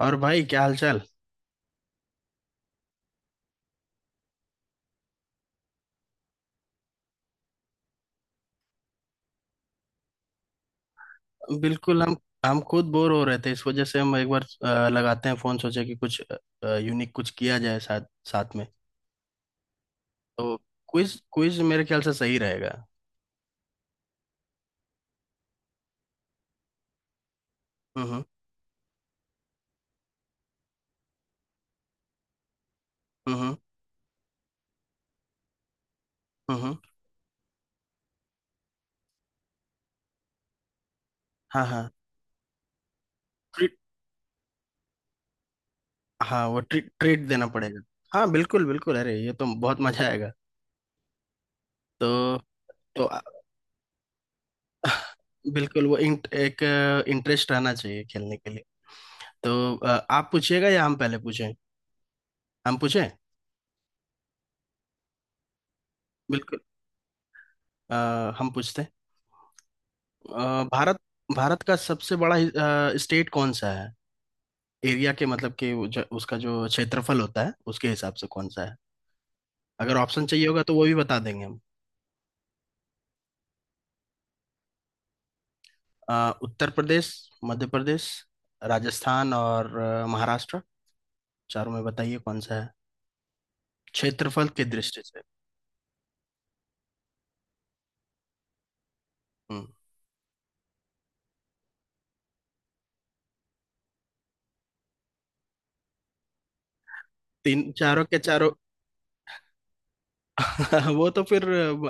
और भाई क्या हालचाल। बिल्कुल। हम खुद बोर हो रहे थे इस वजह से हम एक बार लगाते हैं फोन, सोचे कि कुछ यूनिक कुछ किया जाए साथ साथ में। तो क्विज क्विज मेरे ख्याल से सही रहेगा। हम्म हम्म हम्म। हाँ हाँ। ट्रीट। हाँ, वो ट्रीट ट्रीट देना पड़ेगा। हाँ, बिल्कुल बिल्कुल, अरे ये तो बहुत मजा आएगा। तो तो। बिल्कुल। वो एक इंटरेस्ट रहना चाहिए खेलने के लिए। तो आप पूछिएगा या हम पहले पूछें? हम पूछें। बिल्कुल। अ, हम पूछते हैं। भारत भारत का सबसे बड़ा स्टेट कौन सा है? एरिया के, मतलब कि वो उसका जो क्षेत्रफल होता है, उसके हिसाब से कौन सा है? अगर ऑप्शन चाहिए होगा तो वो भी बता देंगे हम। उत्तर प्रदेश, मध्य प्रदेश, राजस्थान और महाराष्ट्र। चारों में बताइए कौन सा है क्षेत्रफल की दृष्टि से? हम्म। तीन, चारों के चारों। वो तो फिर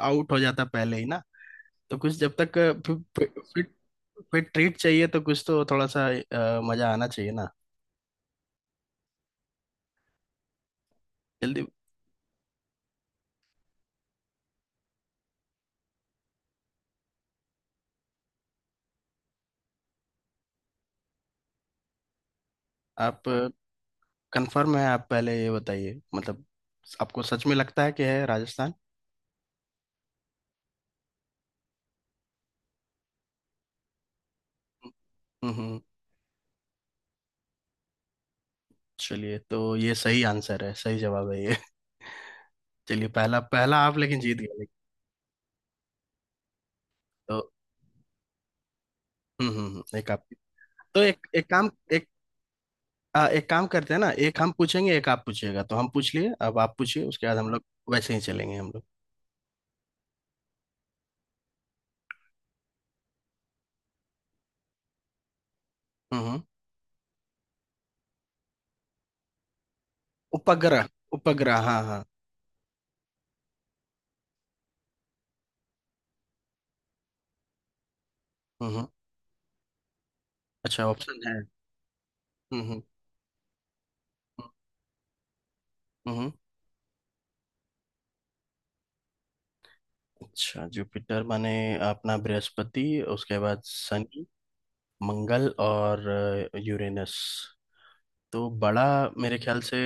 आउट हो जाता पहले ही ना। तो कुछ जब तक। फिर फिर ट्रीट चाहिए तो कुछ तो थोड़ा सा मजा आना चाहिए ना। जल्दी। आप कंफर्म है? आप पहले ये बताइए, मतलब आपको सच में लगता है कि है राजस्थान? हम्म। चलिए, तो ये सही आंसर है, सही जवाब है ये। चलिए, पहला पहला आप लेकिन जीत गए लेकिन। तो एक आप। तो एक एक काम एक आ, एक काम करते हैं ना, एक हम पूछेंगे, एक आप पूछिएगा, तो हम पूछ लिए, अब आप पूछिए, उसके बाद हम लोग वैसे ही चलेंगे हम लोग। हम्म हम्म। उपग्रह। उपग्रह, हाँ हाँ। हम्म हम्म। अच्छा, ऑप्शन है। हम्म हम्म हम्म हम्म। अच्छा, जुपिटर माने अपना बृहस्पति, उसके बाद शनि, मंगल और यूरेनस। तो बड़ा, मेरे ख्याल से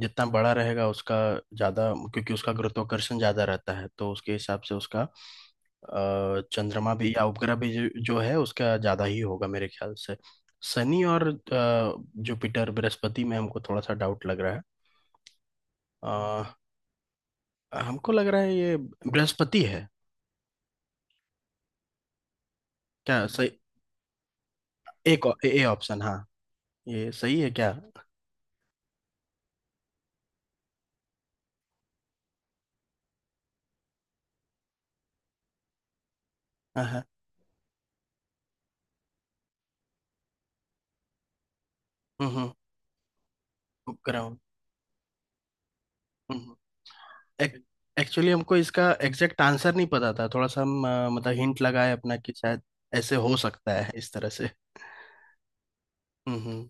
जितना बड़ा रहेगा उसका ज्यादा, क्योंकि उसका गुरुत्वाकर्षण ज्यादा रहता है, तो उसके हिसाब से उसका चंद्रमा भी या उपग्रह भी जो है उसका ज्यादा ही होगा मेरे ख्याल से। शनि और जुपिटर बृहस्पति में हमको थोड़ा सा डाउट लग रहा है। हमको लग रहा है ये बृहस्पति है, क्या सही? एक ए ऑप्शन, हाँ, ये सही है क्या? हाँ हाँ। हम्म। ग्राउंड। एक्चुअली हमको इसका एग्जैक्ट आंसर नहीं पता था, थोड़ा सा हम मतलब हिंट लगाए अपना कि शायद ऐसे हो सकता है, इस तरह से। हम्म हम्म।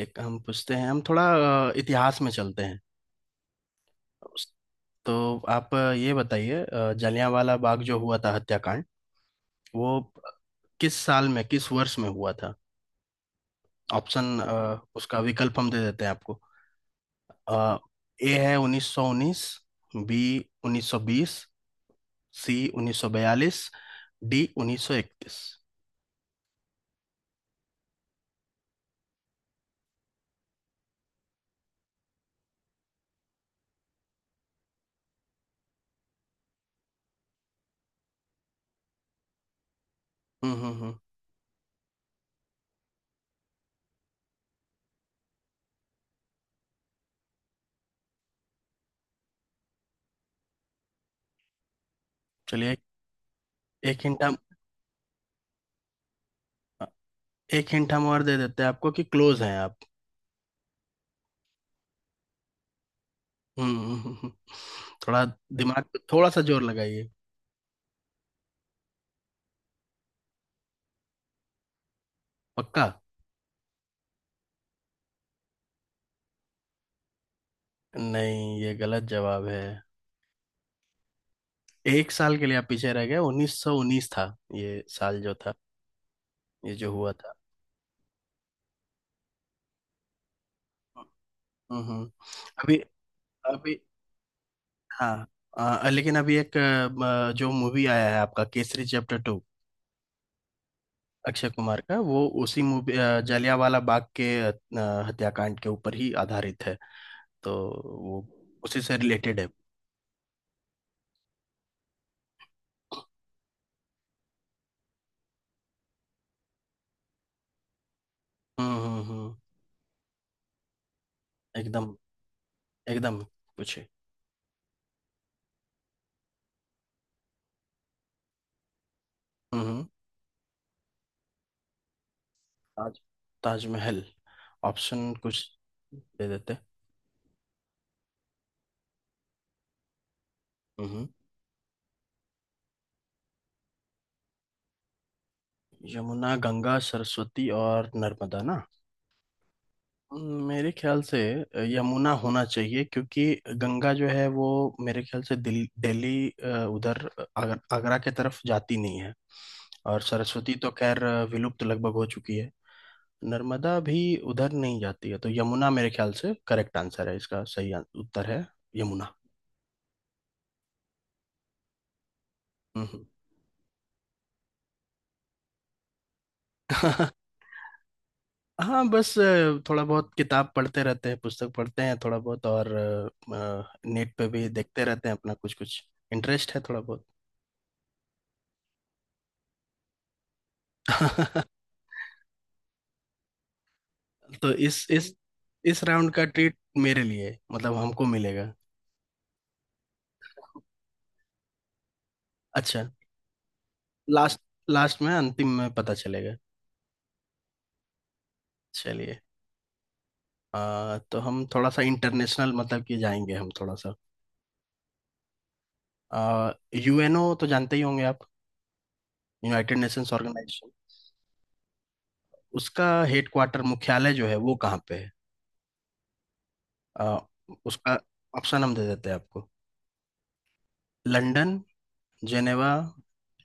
एक हम पूछते हैं, हम थोड़ा इतिहास में चलते हैं। उस- तो आप ये बताइए। जलियांवाला बाग जो हुआ था हत्याकांड, वो किस साल में, किस वर्ष में हुआ था? ऑप्शन, उसका विकल्प हम दे देते हैं आपको। अ, ए है 1919, बी 1920, सी 1942, डी 1931। हम्म। चलिए, एक एक हिंट हम एक हिंट हम और दे देते हैं आपको कि क्लोज हैं आप। हम्म हम्म, हम्म, हम्म। थोड़ा दिमाग पे थोड़ा सा जोर लगाइए। पक्का? नहीं, ये गलत जवाब है। एक साल के लिए आप पीछे रह गए। 1919 था ये साल जो था, ये जो हुआ था। हम्म हम्म। अभी, अभी, हाँ। लेकिन अभी एक जो मूवी आया है आपका, केसरी चैप्टर टू, अक्षय कुमार का, वो उसी मूवी जलियांवाला बाग के हत्याकांड के ऊपर ही आधारित है। तो वो उसी से रिलेटेड है। हम्म हम्म हम्म, एकदम, एकदम, पूछे। हम्म हम्म, ताज ताजमहल ऑप्शन कुछ दे देते। हम्म। यमुना, गंगा, सरस्वती और नर्मदा ना? मेरे ख्याल से यमुना होना चाहिए क्योंकि गंगा जो है वो मेरे ख्याल से दिल्ली, उधर आगरा के तरफ जाती नहीं है। और सरस्वती तो खैर विलुप्त लगभग हो चुकी है। नर्मदा भी उधर नहीं जाती है। तो यमुना मेरे ख्याल से करेक्ट आंसर है, इसका सही उत्तर है यमुना। हम्म। हाँ, बस थोड़ा बहुत किताब पढ़ते रहते हैं, पुस्तक पढ़ते हैं थोड़ा बहुत, और नेट पे भी देखते रहते हैं अपना, कुछ कुछ इंटरेस्ट है थोड़ा बहुत। तो इस राउंड का ट्रीट मेरे लिए है, मतलब हमको मिलेगा। अच्छा। लास्ट लास्ट में, अंतिम में पता चलेगा। चलिए। तो हम थोड़ा सा इंटरनेशनल, मतलब कि जाएंगे हम थोड़ा सा। यूएनओ तो जानते ही होंगे आप, यूनाइटेड नेशंस ऑर्गेनाइजेशन। उसका हेडक्वार्टर, मुख्यालय जो है, वो कहाँ पे है? आ, उसका ऑप्शन हम दे देते हैं आपको। लंदन, जेनेवा,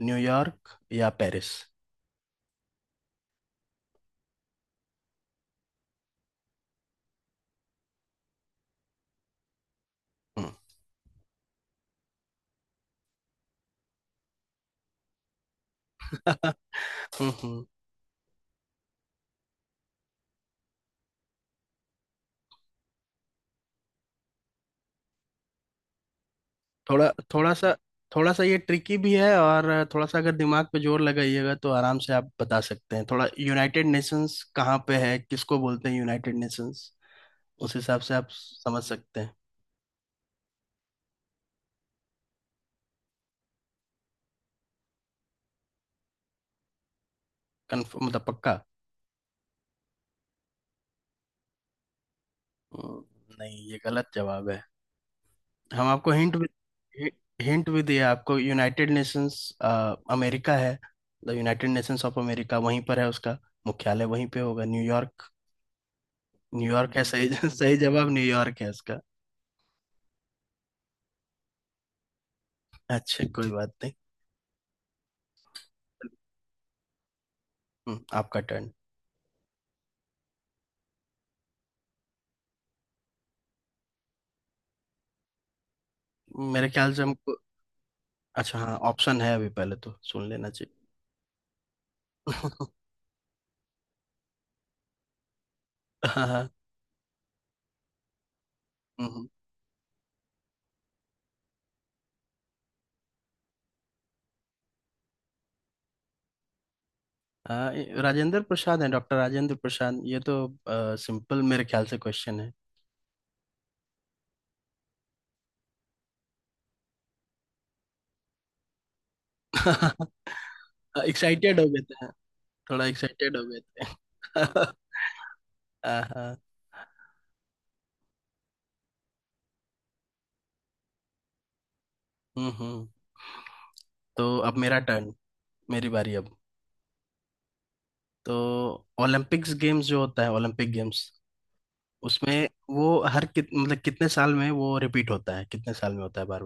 न्यूयॉर्क या पेरिस। हम्म। थोड़ा थोड़ा सा थोड़ा सा ये ट्रिकी भी है, और थोड़ा सा अगर दिमाग पे जोर लगाइएगा तो आराम से आप बता सकते हैं। थोड़ा, यूनाइटेड नेशंस कहाँ पे है, किसको बोलते हैं यूनाइटेड नेशंस, उस हिसाब से आप समझ सकते हैं। कन्फर्म, मतलब पक्का? हम्म। नहीं, ये गलत जवाब है। हम आपको हिंट भी दिया आपको, यूनाइटेड नेशंस अमेरिका है, the United Nations of America, वहीं पर है उसका मुख्यालय, वहीं पे होगा, न्यूयॉर्क। न्यूयॉर्क है सही, सही जवाब न्यूयॉर्क है इसका। अच्छा, कोई बात नहीं। हम्म। आपका टर्न। मेरे ख्याल से हमको। अच्छा, हाँ, ऑप्शन है, अभी पहले तो सुन लेना चाहिए। हाँ हाँ। हम्म, हाँ, ये राजेंद्र प्रसाद है, डॉक्टर राजेंद्र प्रसाद, ये तो सिंपल मेरे ख्याल से क्वेश्चन है। एक्साइटेड हो गए थे, हाँ, थोड़ा एक्साइटेड हो गए थे। हाँ हाँ। हम्म। तो अब मेरा टर्न, मेरी बारी अब। तो ओलंपिक्स गेम्स जो होता है, ओलंपिक गेम्स, उसमें वो हर कित मतलब कितने साल में वो रिपीट होता है, कितने साल में होता है बार?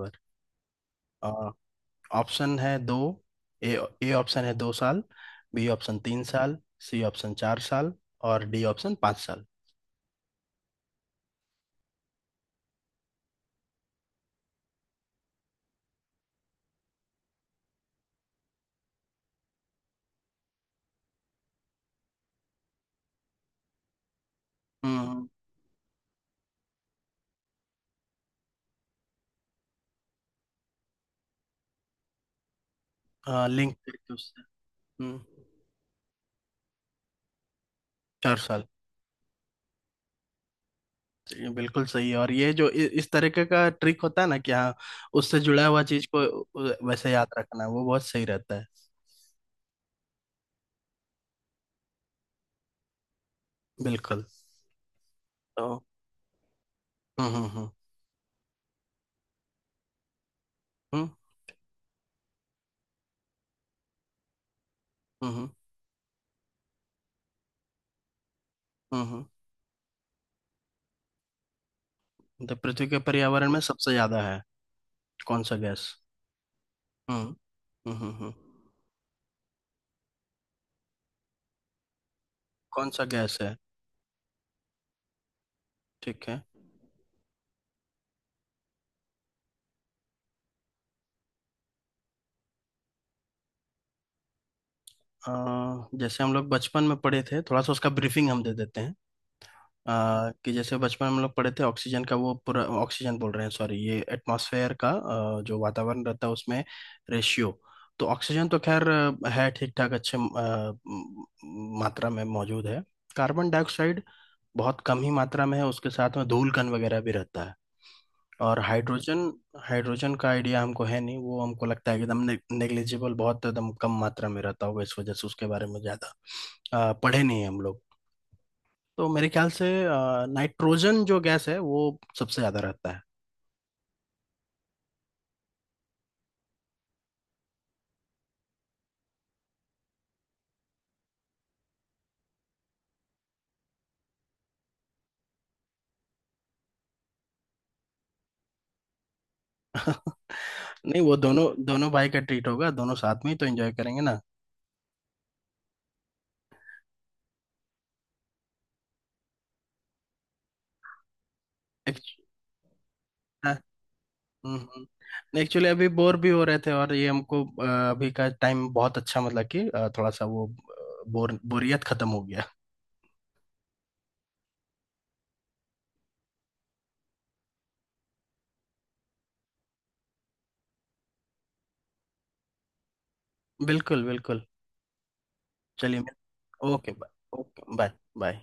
ऑप्शन है दो। ए ए ऑप्शन है दो साल, बी ऑप्शन तीन साल, सी ऑप्शन चार साल और डी ऑप्शन पाँच साल। हम्म, हाँ, लिंक करके उससे। हम्म। चार साल। ये बिल्कुल सही है, और ये जो इस तरीके का ट्रिक होता है ना, कि हाँ, उससे जुड़ा हुआ चीज को वैसे याद रखना, वो बहुत सही रहता है। बिल्कुल। तो हम्म हम्म हम्म हम्म हम्म हम्म हम्म। तो पृथ्वी के पर्यावरण में सबसे ज्यादा है कौन सा गैस? हम्म हम्म हम्म हम्म। कौन सा गैस है? ठीक है। अ, जैसे हम लोग बचपन में पढ़े थे, थोड़ा सा उसका ब्रीफिंग हम दे देते हैं। कि जैसे बचपन में हम लोग पढ़े थे ऑक्सीजन का, वो पूरा ऑक्सीजन बोल रहे हैं, सॉरी, ये एटमॉस्फेयर का, जो वातावरण रहता है उसमें, रेशियो। तो ऑक्सीजन तो खैर है ठीक ठाक, अच्छे मात्रा में मौजूद है। कार्बन डाइऑक्साइड बहुत कम ही मात्रा में है, उसके साथ में धूल कण वगैरह भी रहता है। और हाइड्रोजन, हाइड्रोजन का आइडिया हमको है नहीं, वो हमको लगता है कि एकदम नेग्लिजिबल, बहुत एकदम कम मात्रा में रहता होगा, इस वजह से उसके बारे में ज़्यादा पढ़े नहीं है हम लोग। तो मेरे ख्याल से नाइट्रोजन जो गैस है वो सबसे ज़्यादा रहता है। नहीं, वो दोनों दोनों भाई का ट्रीट होगा, दोनों साथ में ही तो एंजॉय करेंगे ना। एक्चुअली। हाँ, हम्म, हम्म। एक्चुअली अभी बोर भी हो रहे थे, और ये हमको अभी का टाइम बहुत अच्छा, मतलब कि थोड़ा सा वो आ, बोर बोरियत खत्म हो गया। बिल्कुल, बिल्कुल। चलिए। Okay bye, okay bye, bye.